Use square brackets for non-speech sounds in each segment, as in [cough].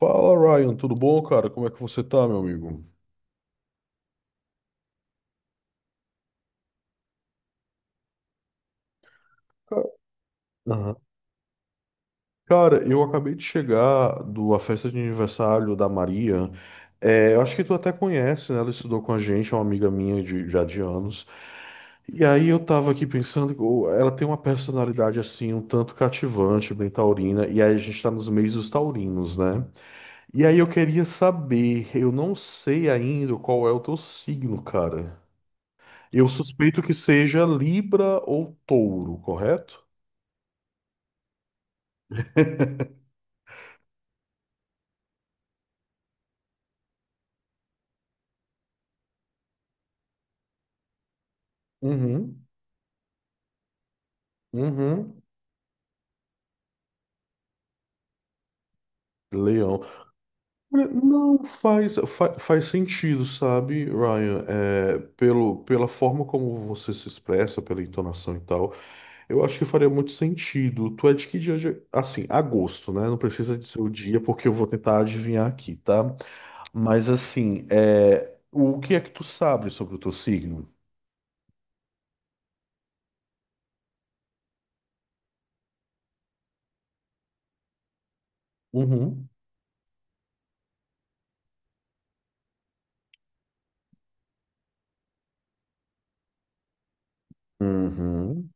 Fala, Ryan, tudo bom, cara? Como é que você tá, meu amigo? Ca- Aham. Cara, eu acabei de chegar da festa de aniversário da Maria. É, eu acho que tu até conhece, né? Ela estudou com a gente, é uma amiga minha já de anos. E aí eu tava aqui pensando, ô, ela tem uma personalidade assim, um tanto cativante, bem taurina, e aí a gente tá nos meios dos taurinos, né? E aí eu queria saber, eu não sei ainda qual é o teu signo, cara. Eu suspeito que seja Libra ou Touro, correto? Uhum, uhum. Leão. Olha, não faz sentido, sabe, Ryan? É, pelo, pela forma como você se expressa, pela entonação e tal, eu acho que faria muito sentido. Tu é de que dia? Assim, agosto, né? Não precisa de ser o dia, porque eu vou tentar adivinhar aqui, tá? Mas assim, é, o que é que tu sabe sobre o teu signo? Uhum. Uhum.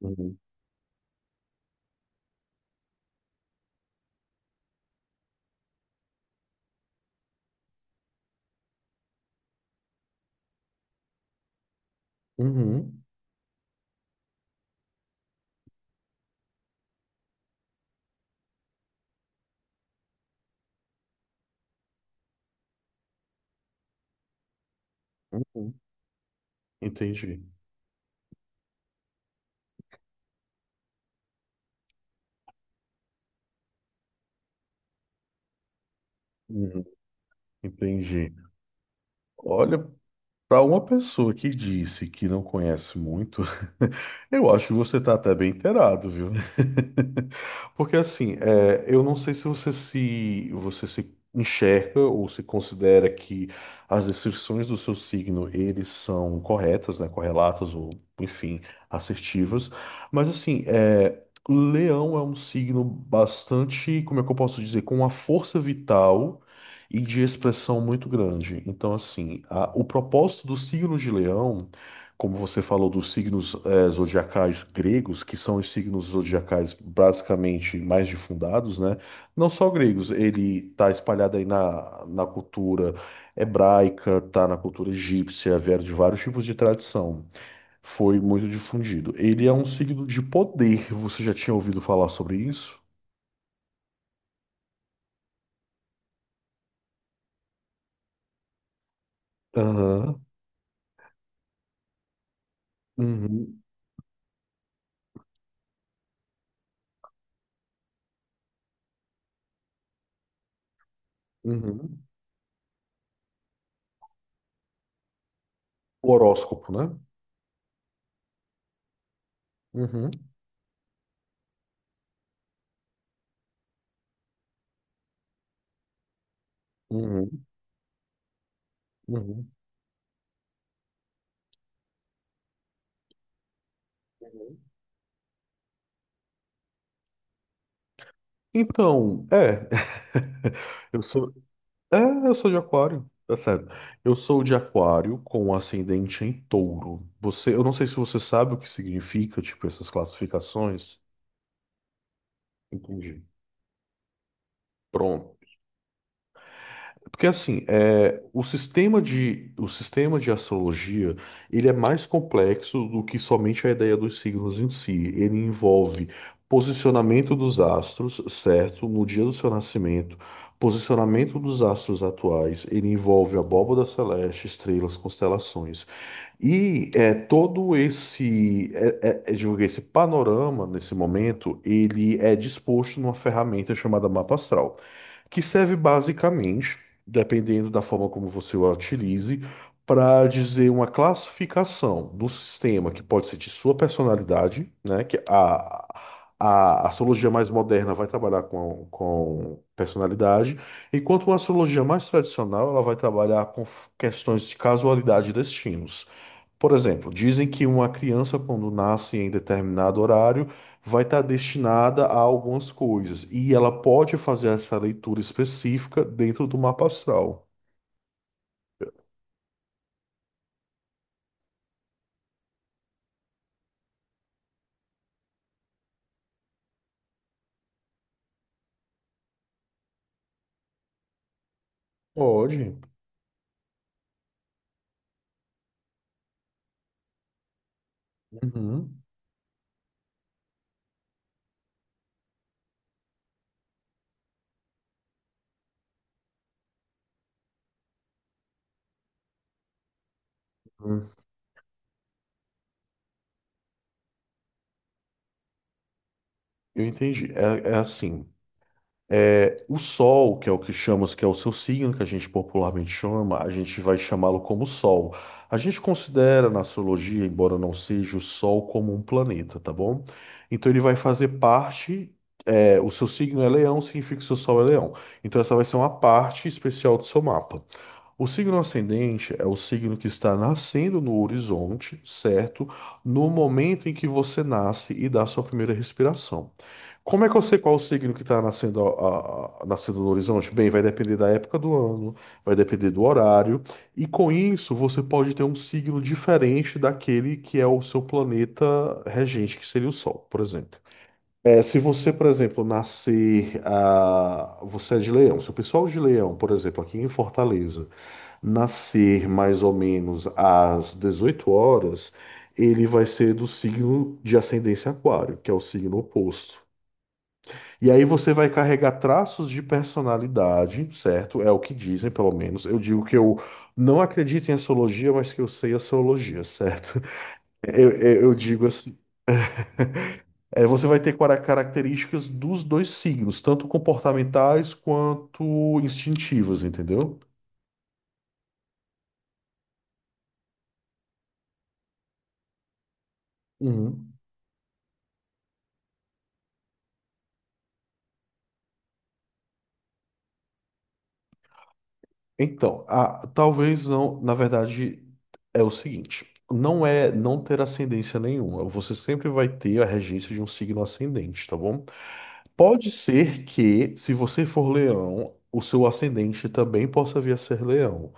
Uhum. Uhum. Uhum. Entendi. Uhum. Entendi. Olha, para uma pessoa que disse que não conhece muito, [laughs] eu acho que você está até bem inteirado, viu? [laughs] Porque assim, é, eu não sei se você se enxerga ou se considera que as descrições do seu signo eles são corretas, né? Correlatas ou enfim, assertivas. Mas assim, é, Leão é um signo bastante, como é que eu posso dizer, com uma força vital e de expressão muito grande. Então, assim, o propósito do signo de Leão, como você falou dos signos zodiacais gregos, que são os signos zodiacais basicamente mais difundados, né? Não só gregos, ele está espalhado aí na cultura hebraica, tá na cultura egípcia, vieram de vários tipos de tradição. Foi muito difundido. Ele é um signo de poder. Você já tinha ouvido falar sobre isso? Aham. Uhum. Uhum. O horóscopo, né? Uhum, uhum, uhum. Então, é, [laughs] eu sou, é, eu sou de aquário, tá certo. Eu sou de aquário com ascendente em touro. Você, eu não sei se você sabe o que significa, tipo, essas classificações. Entendi. Porque assim, é, o sistema de astrologia, ele é mais complexo do que somente a ideia dos signos em si. Ele envolve posicionamento dos astros, certo, no dia do seu nascimento, posicionamento dos astros atuais, ele envolve a abóbada celeste, estrelas, constelações. E é, todo esse, é, é, é, digo, esse panorama, nesse momento, ele é disposto numa ferramenta chamada mapa astral que serve basicamente, dependendo da forma como você o utilize, para dizer uma classificação do sistema que pode ser de sua personalidade, né? Que a astrologia mais moderna vai trabalhar com personalidade, enquanto uma astrologia mais tradicional ela vai trabalhar com questões de casualidade e destinos. Por exemplo, dizem que uma criança, quando nasce em determinado horário, vai estar destinada a algumas coisas. E ela pode fazer essa leitura específica dentro do mapa astral. Pode. Uhum. Hum. Eu entendi. É assim. É, o Sol, que é o que chamamos, que é o seu signo, que a gente popularmente chama, a gente vai chamá-lo como Sol. A gente considera na astrologia, embora não seja o Sol, como um planeta, tá bom? Então ele vai fazer parte, é, o seu signo é Leão, significa que o seu Sol é Leão. Então essa vai ser uma parte especial do seu mapa. O signo ascendente é o signo que está nascendo no horizonte, certo? No momento em que você nasce e dá sua primeira respiração. Como é que eu sei qual o signo que está nascendo, nascendo no horizonte? Bem, vai depender da época do ano, vai depender do horário, e com isso você pode ter um signo diferente daquele que é o seu planeta regente, que seria o Sol, por exemplo. É, se você, por exemplo, nascer, ah, você é de Leão, se o pessoal de Leão, por exemplo, aqui em Fortaleza, nascer mais ou menos às 18 horas, ele vai ser do signo de ascendência aquário, que é o signo oposto. E aí você vai carregar traços de personalidade, certo? É o que dizem, pelo menos. Eu digo que eu não acredito em astrologia, mas que eu sei astrologia, certo? [laughs] Eu digo assim. É, você vai ter características dos dois signos, tanto comportamentais quanto instintivas, entendeu? Uhum. Então, talvez não, na verdade, é o seguinte, não é não ter ascendência nenhuma, você sempre vai ter a regência de um signo ascendente, tá bom? Pode ser que, se você for leão, o seu ascendente também possa vir a ser leão.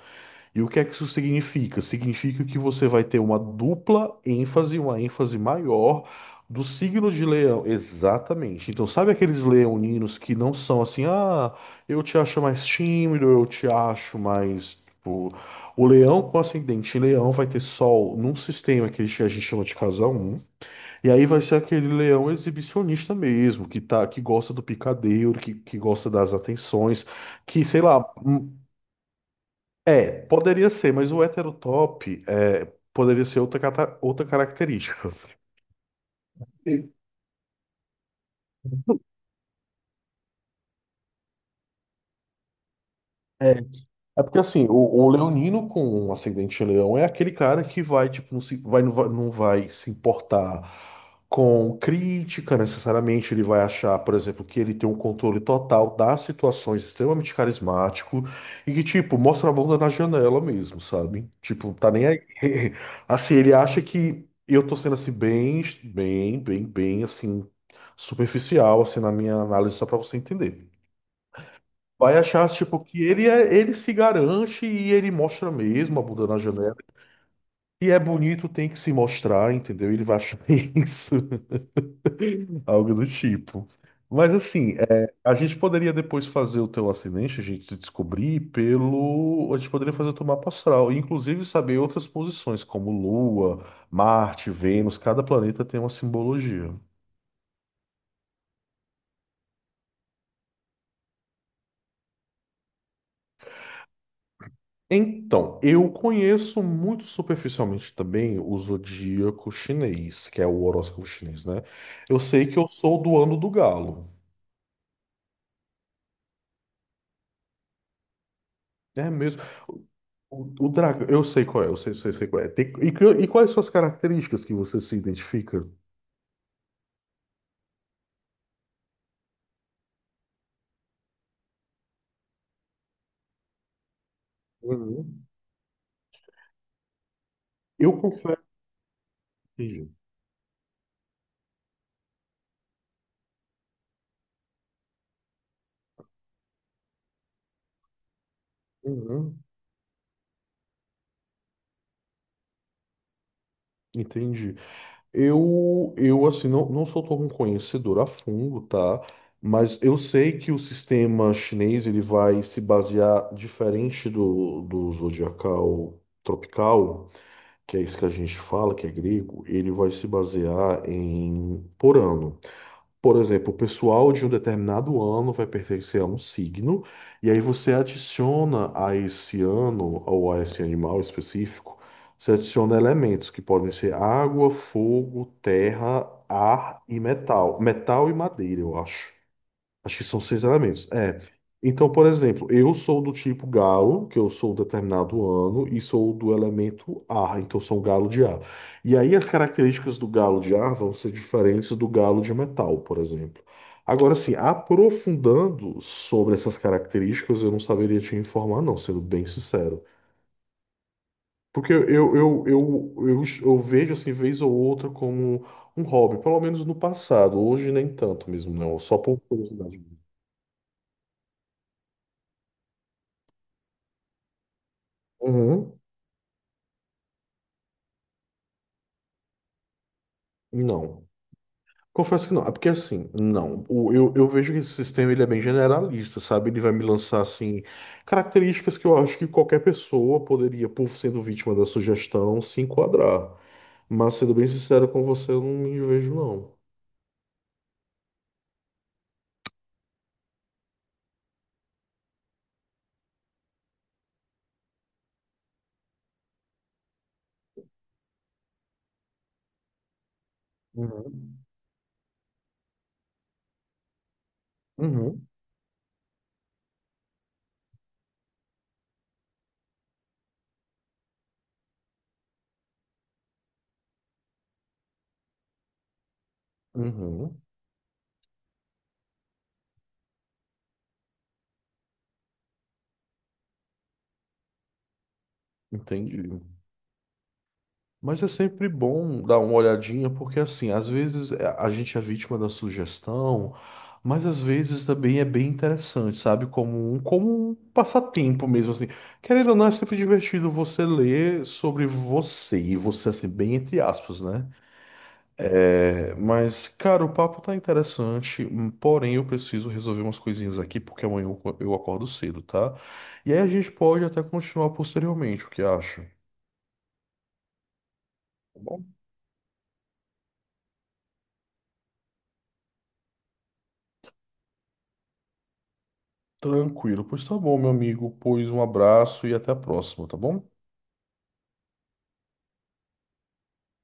E o que é que isso significa? Significa que você vai ter uma dupla ênfase, uma ênfase maior do signo de leão. Exatamente. Então, sabe aqueles leoninos que não são assim, ah, eu te acho mais tímido, eu te acho mais. Tipo... O leão com ascendente em leão vai ter sol num sistema que a gente chama de casa um. E aí vai ser aquele leão exibicionista mesmo, que tá, que gosta do picadeiro, que gosta das atenções, que, sei lá, é, poderia ser, mas o heterotop é, poderia ser outra, outra característica. É, é porque assim, o leonino com um ascendente em leão é aquele cara que vai, tipo, não se, vai, não vai, não vai se importar com crítica necessariamente. Ele vai achar, por exemplo, que ele tem um controle total das situações, extremamente carismático e que, tipo, mostra a bunda na janela mesmo, sabe? Tipo, tá nem aí. [laughs] Assim, ele acha que eu tô sendo assim, bem, assim, superficial, assim, na minha análise, só pra você entender. Vai achar, tipo, que ele é, ele se garante e ele mostra mesmo a bunda na janela. E é bonito, tem que se mostrar, entendeu? Ele vai achar [laughs] isso, algo do tipo. Mas assim, é, a gente poderia depois fazer o teu acidente, a gente descobrir pelo. A gente poderia fazer o teu mapa astral, e, inclusive saber outras posições, como Lua, Marte, Vênus, cada planeta tem uma simbologia. Então, eu conheço muito superficialmente também o zodíaco chinês, que é o horóscopo chinês, né? Eu sei que eu sou do ano do galo. É mesmo. O dragão, eu sei qual é, eu sei qual é. E quais são as características que você se identifica? Uhum. Eu confesso. que- Uhum. Entendi. Eu assim, não, não sou tão conhecedor a fundo, tá? Mas eu sei que o sistema chinês ele vai se basear diferente do zodiacal tropical, que é isso que a gente fala, que é grego, ele vai se basear em por ano. Por exemplo, o pessoal de um determinado ano vai pertencer a um signo, e aí você adiciona a esse ano ou a esse animal específico, você adiciona elementos que podem ser água, fogo, terra, ar e metal. Metal e madeira, eu acho. Acho que são seis elementos. É. Então, por exemplo, eu sou do tipo galo, que eu sou determinado ano, e sou do elemento ar, então sou um galo de ar. E aí as características do galo de ar vão ser diferentes do galo de metal, por exemplo. Agora, assim, aprofundando sobre essas características, eu não saberia te informar, não, sendo bem sincero. Porque eu, eu vejo, assim, vez ou outra como um hobby, pelo menos no passado. Hoje nem tanto mesmo, não. Só por curiosidade mesmo. Uhum. Não. Confesso que não. É porque assim, não. Eu vejo que esse sistema ele é bem generalista, sabe? Ele vai me lançar assim características que eu acho que qualquer pessoa poderia, por sendo vítima da sugestão, se enquadrar. Mas sendo bem sincero com você, eu não me vejo não. Uhum. Uhum. Uhum. Entendi. Mas é sempre bom dar uma olhadinha, porque assim, às vezes é, a gente é vítima da sugestão, mas às vezes também é bem interessante, sabe? Como um passatempo mesmo, assim. Querendo ou não, é sempre divertido você ler sobre você, e você, assim, bem entre aspas, né? É, mas, cara, o papo tá interessante, porém eu preciso resolver umas coisinhas aqui, porque amanhã eu, eu acordo cedo, tá? E aí a gente pode até continuar posteriormente, o que acha? Tá bom? Tranquilo. Pois tá bom, meu amigo. Pois um abraço e até a próxima, tá bom?